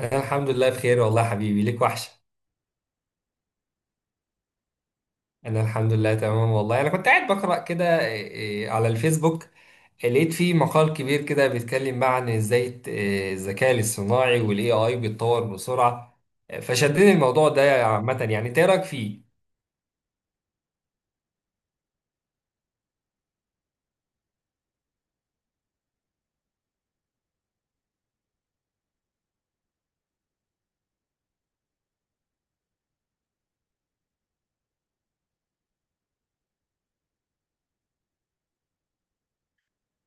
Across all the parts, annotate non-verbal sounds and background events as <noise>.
أنا الحمد لله بخير، والله يا حبيبي ليك وحشة. أنا الحمد لله تمام والله. أنا كنت قاعد بقرأ كده على الفيسبوك. لقيت فيه مقال كبير كده بيتكلم بقى عن إزاي الت- إيه، الذكاء الاصطناعي والاي اي بيتطور بسرعة. فشدني الموضوع ده عامة، يعني أنت إيه رأيك فيه؟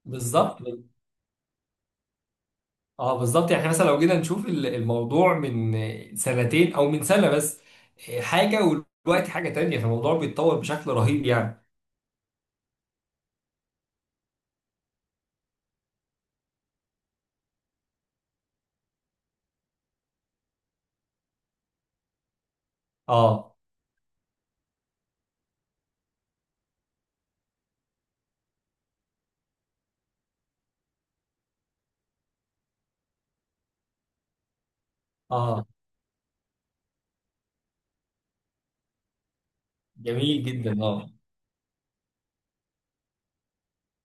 بالظبط، اه، بالظبط. يعني إحنا مثلا لو جينا نشوف الموضوع، من سنتين او من سنة بس حاجة، ودلوقتي حاجة تانية، فالموضوع بيتطور بشكل رهيب يعني. اه، اه، جميل جدا، اه.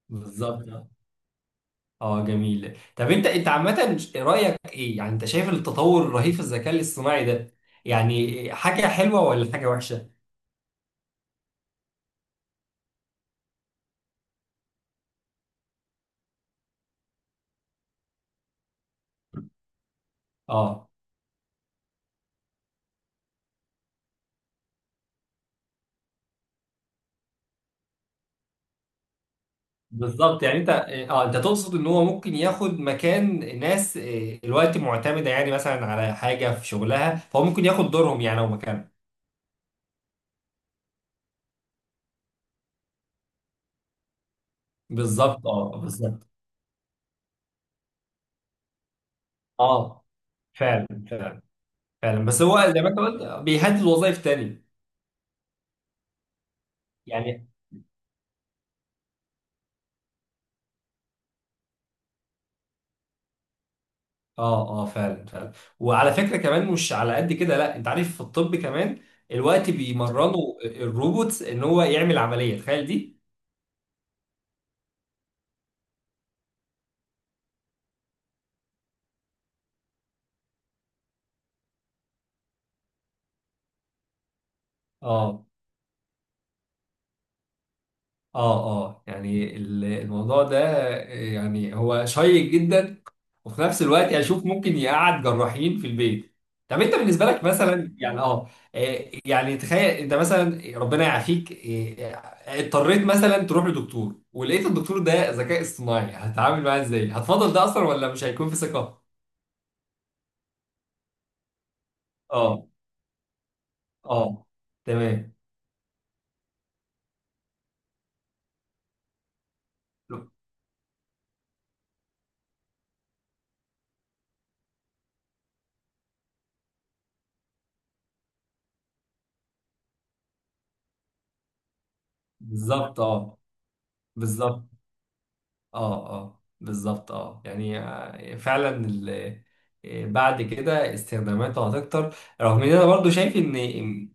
بالظبط، اه، جميل. طب انت عامة رأيك ايه؟ يعني انت شايف التطور الرهيب في الذكاء الاصطناعي ده يعني حاجة حلوة ولا حاجة وحشة؟ اه بالظبط. يعني انت تقصد ان هو ممكن ياخد مكان ناس الوقت معتمدة يعني مثلا على حاجة في شغلها، فهو ممكن ياخد دورهم يعني او مكانهم. بالظبط، اه، بالظبط، اه، فعلا، فعلا. فعلا، بس هو زي ما انت قلت بيهدد وظائف تانية يعني. اه، اه، فعلا، فعلا. وعلى فكره كمان مش على قد كده، لا، انت عارف، في الطب كمان الوقت بيمرنوا الروبوت ان هو يعمل عمليه، تخيل دي. اه، اه، اه، يعني الموضوع ده، يعني هو شيق جدا. وفي نفس الوقت اشوف ممكن يقعد جراحين في البيت. طب انت بالنسبه لك مثلا، يعني، اه، يعني تخيل انت مثلا، ربنا يعافيك، اضطريت مثلا تروح لدكتور، ولقيت الدكتور ده ذكاء اصطناعي، هتتعامل معاه ازاي؟ هتفضل ده اصلا ولا مش هيكون في ثقه؟ اه، اه، تمام. بالظبط، اه، بالظبط، اه، اه، بالظبط، اه، يعني فعلا بعد كده استخداماته هتكتر، رغم ان انا برضو شايف ان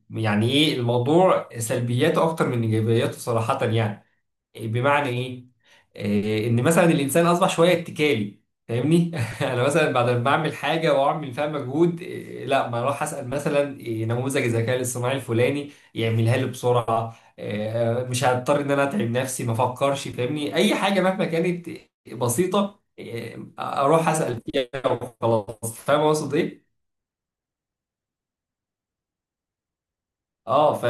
يعني ايه الموضوع سلبياته اكتر من ايجابياته صراحة يعني. بمعنى ايه؟ ان مثلا الانسان اصبح شويه اتكالي. فاهمني؟ <laughs> انا مثلا بعد ما بعمل حاجه واعمل فيها مجهود، لا، ما اروح اسال مثلا نموذج الذكاء الاصطناعي الفلاني يعملها لي بسرعه. مش هضطر ان انا اتعب نفسي، ما افكرش. فاهمني؟ اي حاجه مهما كانت بسيطه، اروح اسال فيها وخلاص. فاهم اقصد ايه؟ اه،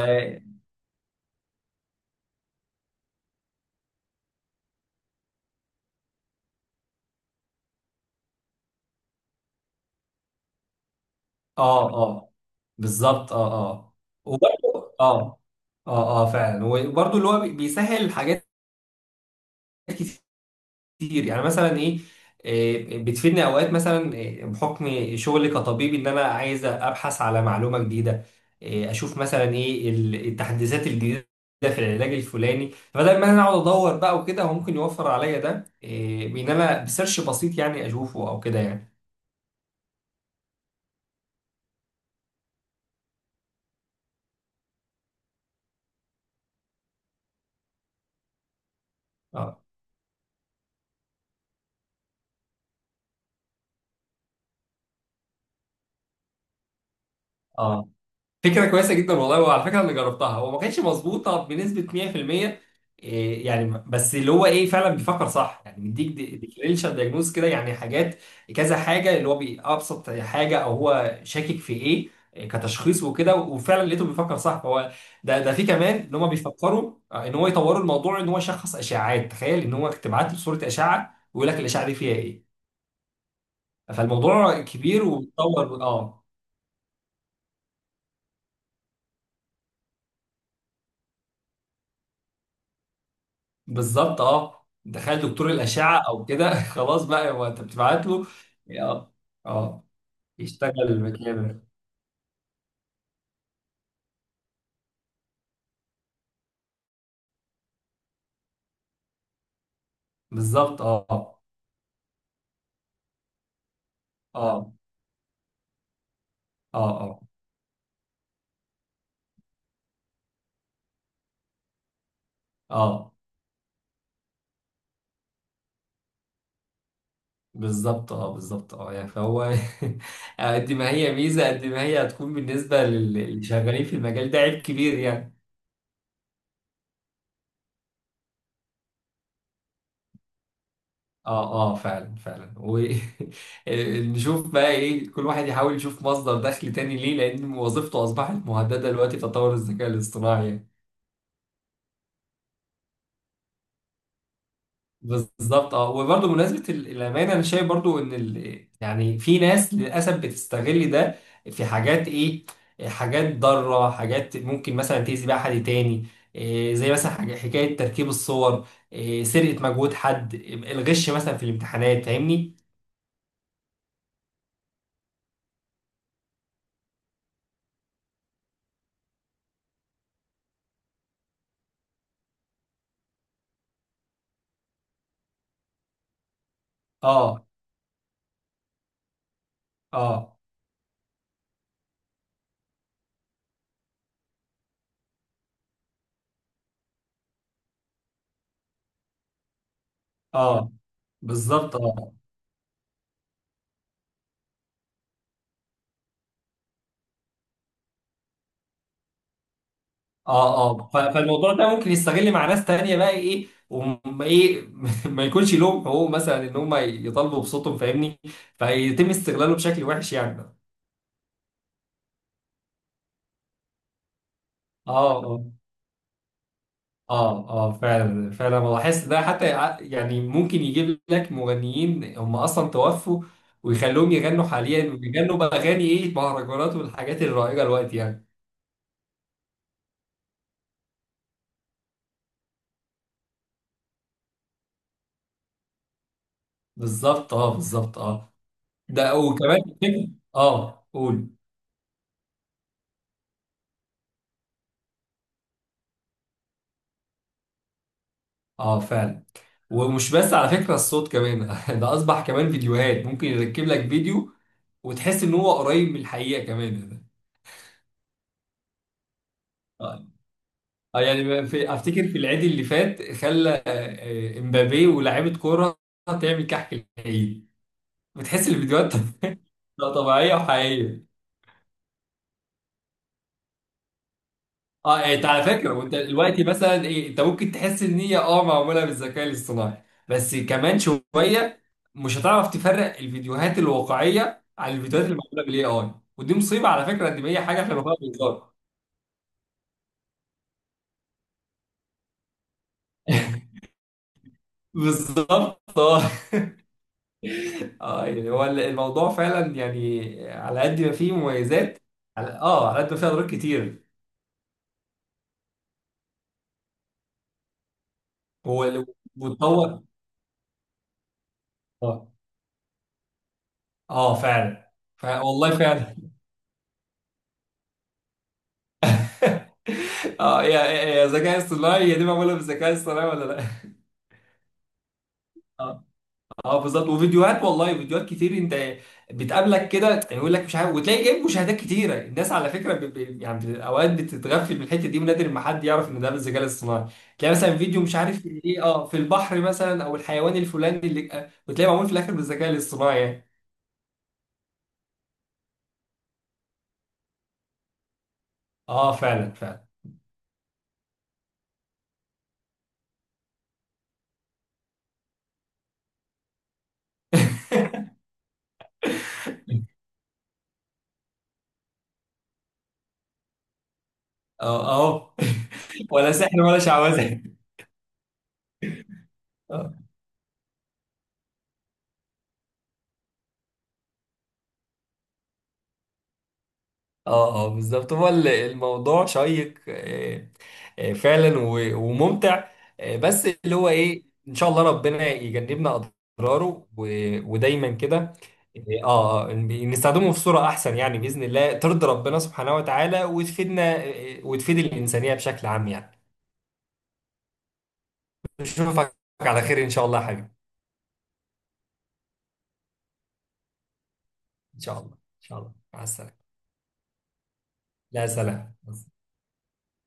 اه، اه، بالظبط، اه، اه، وبرضه، اه. اه، اه، فعلا، وبرضه اللي هو بيسهل حاجات كتير، يعني مثلا ايه، بتفيدني اوقات مثلا، بحكم شغلي كطبيب، ان انا عايز ابحث على معلومه جديده، اشوف مثلا ايه التحديثات الجديده في العلاج الفلاني. فبدل ما انا اقعد ادور بقى وكده، هو ممكن يوفر عليا ده، بان انا بسيرش بسيط يعني، اشوفه او كده يعني. اه، اه، فكرة كويسة جدا والله. وعلى فكرة أنا جربتها، هو ما كانتش مظبوطة بنسبة 100%، إيه يعني، بس اللي هو إيه فعلا بيفكر صح، يعني بيديك ديفرنشال دايجنوز كده، يعني حاجات كذا حاجة اللي هو بأبسط حاجة، أو هو شاكك في إيه، كتشخيص وكده، وفعلا لقيته بيفكر صح. فهو، ده في كمان إن هم بيفكروا إن هو يطوروا الموضوع، إن هو يشخص أشعاعات. تخيل إن هو تبعت له صورة أشعة، ويقول لك الأشعة دي فيها إيه. فالموضوع كبير وبيتطور، أه. بالظبط، اه. تخيل دكتور الأشعة أو كده، <laughs> خلاص بقى هو، أنت بتبعت له. اه، اه، يشتغل مكامل. بالظبط، اه، اه، اه، اه، اه، آه. بالظبط، اه، بالظبط، اه، يعني فهو <laughs> قد ما هي ميزة، قد ما هي هتكون بالنسبة للي شغالين في المجال ده عيب كبير يعني. اه، اه، فعلا، فعلا. ونشوف <laughs> بقى ايه، كل واحد يحاول يشوف مصدر دخل تاني ليه، لأن وظيفته أصبحت مهددة دلوقتي بتطور الذكاء الاصطناعي يعني. بالظبط، اه. وبرضه بمناسبه الامانه، انا شايف برضه ان يعني في ناس للاسف بتستغل ده في حاجات، حاجات ضاره، حاجات ممكن مثلا تاذي بيها حد تاني. زي مثلا حاجة حكايه تركيب الصور، سرقه مجهود حد، الغش مثلا في الامتحانات، فاهمني. اه، اه، اه، بالظبط، اه، اه، اه، فالموضوع ده ممكن يستغل مع ناس تانية، بقى ايه، وما ايه، <laughs> ما يكونش لهم حقوق مثلا ان هم يطالبوا بصوتهم، فاهمني. فيتم استغلاله بشكل وحش يعني، اه. اه، اه، اه، فعلا، فعلا. بحس ده حتى يعني ممكن يجيب لك مغنيين هم اصلا توفوا، ويخلوهم يغنوا حاليا ويغنوا باغاني، مهرجانات والحاجات الرائجة الوقت يعني. بالظبط، اه، بالظبط، اه. ده وكمان، اه، قول. اه، فعلا، ومش بس على فكرة الصوت كمان. <laughs> ده أصبح كمان فيديوهات، ممكن يركب لك فيديو وتحس إن هو قريب من الحقيقة كمان. اه، يعني في، أفتكر في العيد اللي فات خلى امبابي ولاعيبة كورة تعمل كحك العيد. بتحس الفيديوهات <laughs> لا، طبيعية وحقيقية. اه، انت على فكره، وانت دلوقتي مثلا، انت ممكن تحس ان هي، معموله بالذكاء الاصطناعي. بس كمان شويه مش هتعرف تفرق الفيديوهات الواقعيه عن الفيديوهات اللي معموله بالاي اي. ودي مصيبه على فكره، ان هي حاجه احنا بنقولها بالظبط. بالظبط، اه، اه. يعني هو الموضوع فعلا، يعني على قد ما فيه مميزات، على قد ما فيه اضرار كتير. هو وتطور. اه، اه، فعلا، والله فعلا. اه، يا يا ذكاء اصطناعي، هي دي معموله بالذكاء الاصطناعي ولا لا؟ اه، اه، بالظبط. وفيديوهات والله، فيديوهات كتير انت بتقابلك كده، يعني يقول لك مش عارف، وتلاقي جايب مشاهدات كتيره. الناس على فكره يعني اوقات بتتغفل من الحته دي، ونادر ما حد يعرف ان ده بالذكاء الاصطناعي. تلاقي مثلا فيديو مش عارف ايه، في البحر مثلا، او الحيوان الفلاني اللي وتلاقيه معمول في الاخر بالذكاء الاصطناعي يعني. اه، فعلا، فعلا. <laughs> اه، اهو. <laughs> ولا سحر ولا شعوذه. اه. اه، اه، بالظبط. هو الموضوع شيق، فعلا وممتع. بس اللي هو ايه، ان شاء الله ربنا يجنبنا اضراره، ودايما كده. اه، نستخدمه في صورة احسن، يعني باذن الله ترضي ربنا سبحانه وتعالى، وتفيدنا وتفيد الانسانية بشكل عام يعني. نشوفك على خير ان شاء الله يا حبيبي. ان شاء الله، ان شاء الله. مع السلامة. لا، سلام.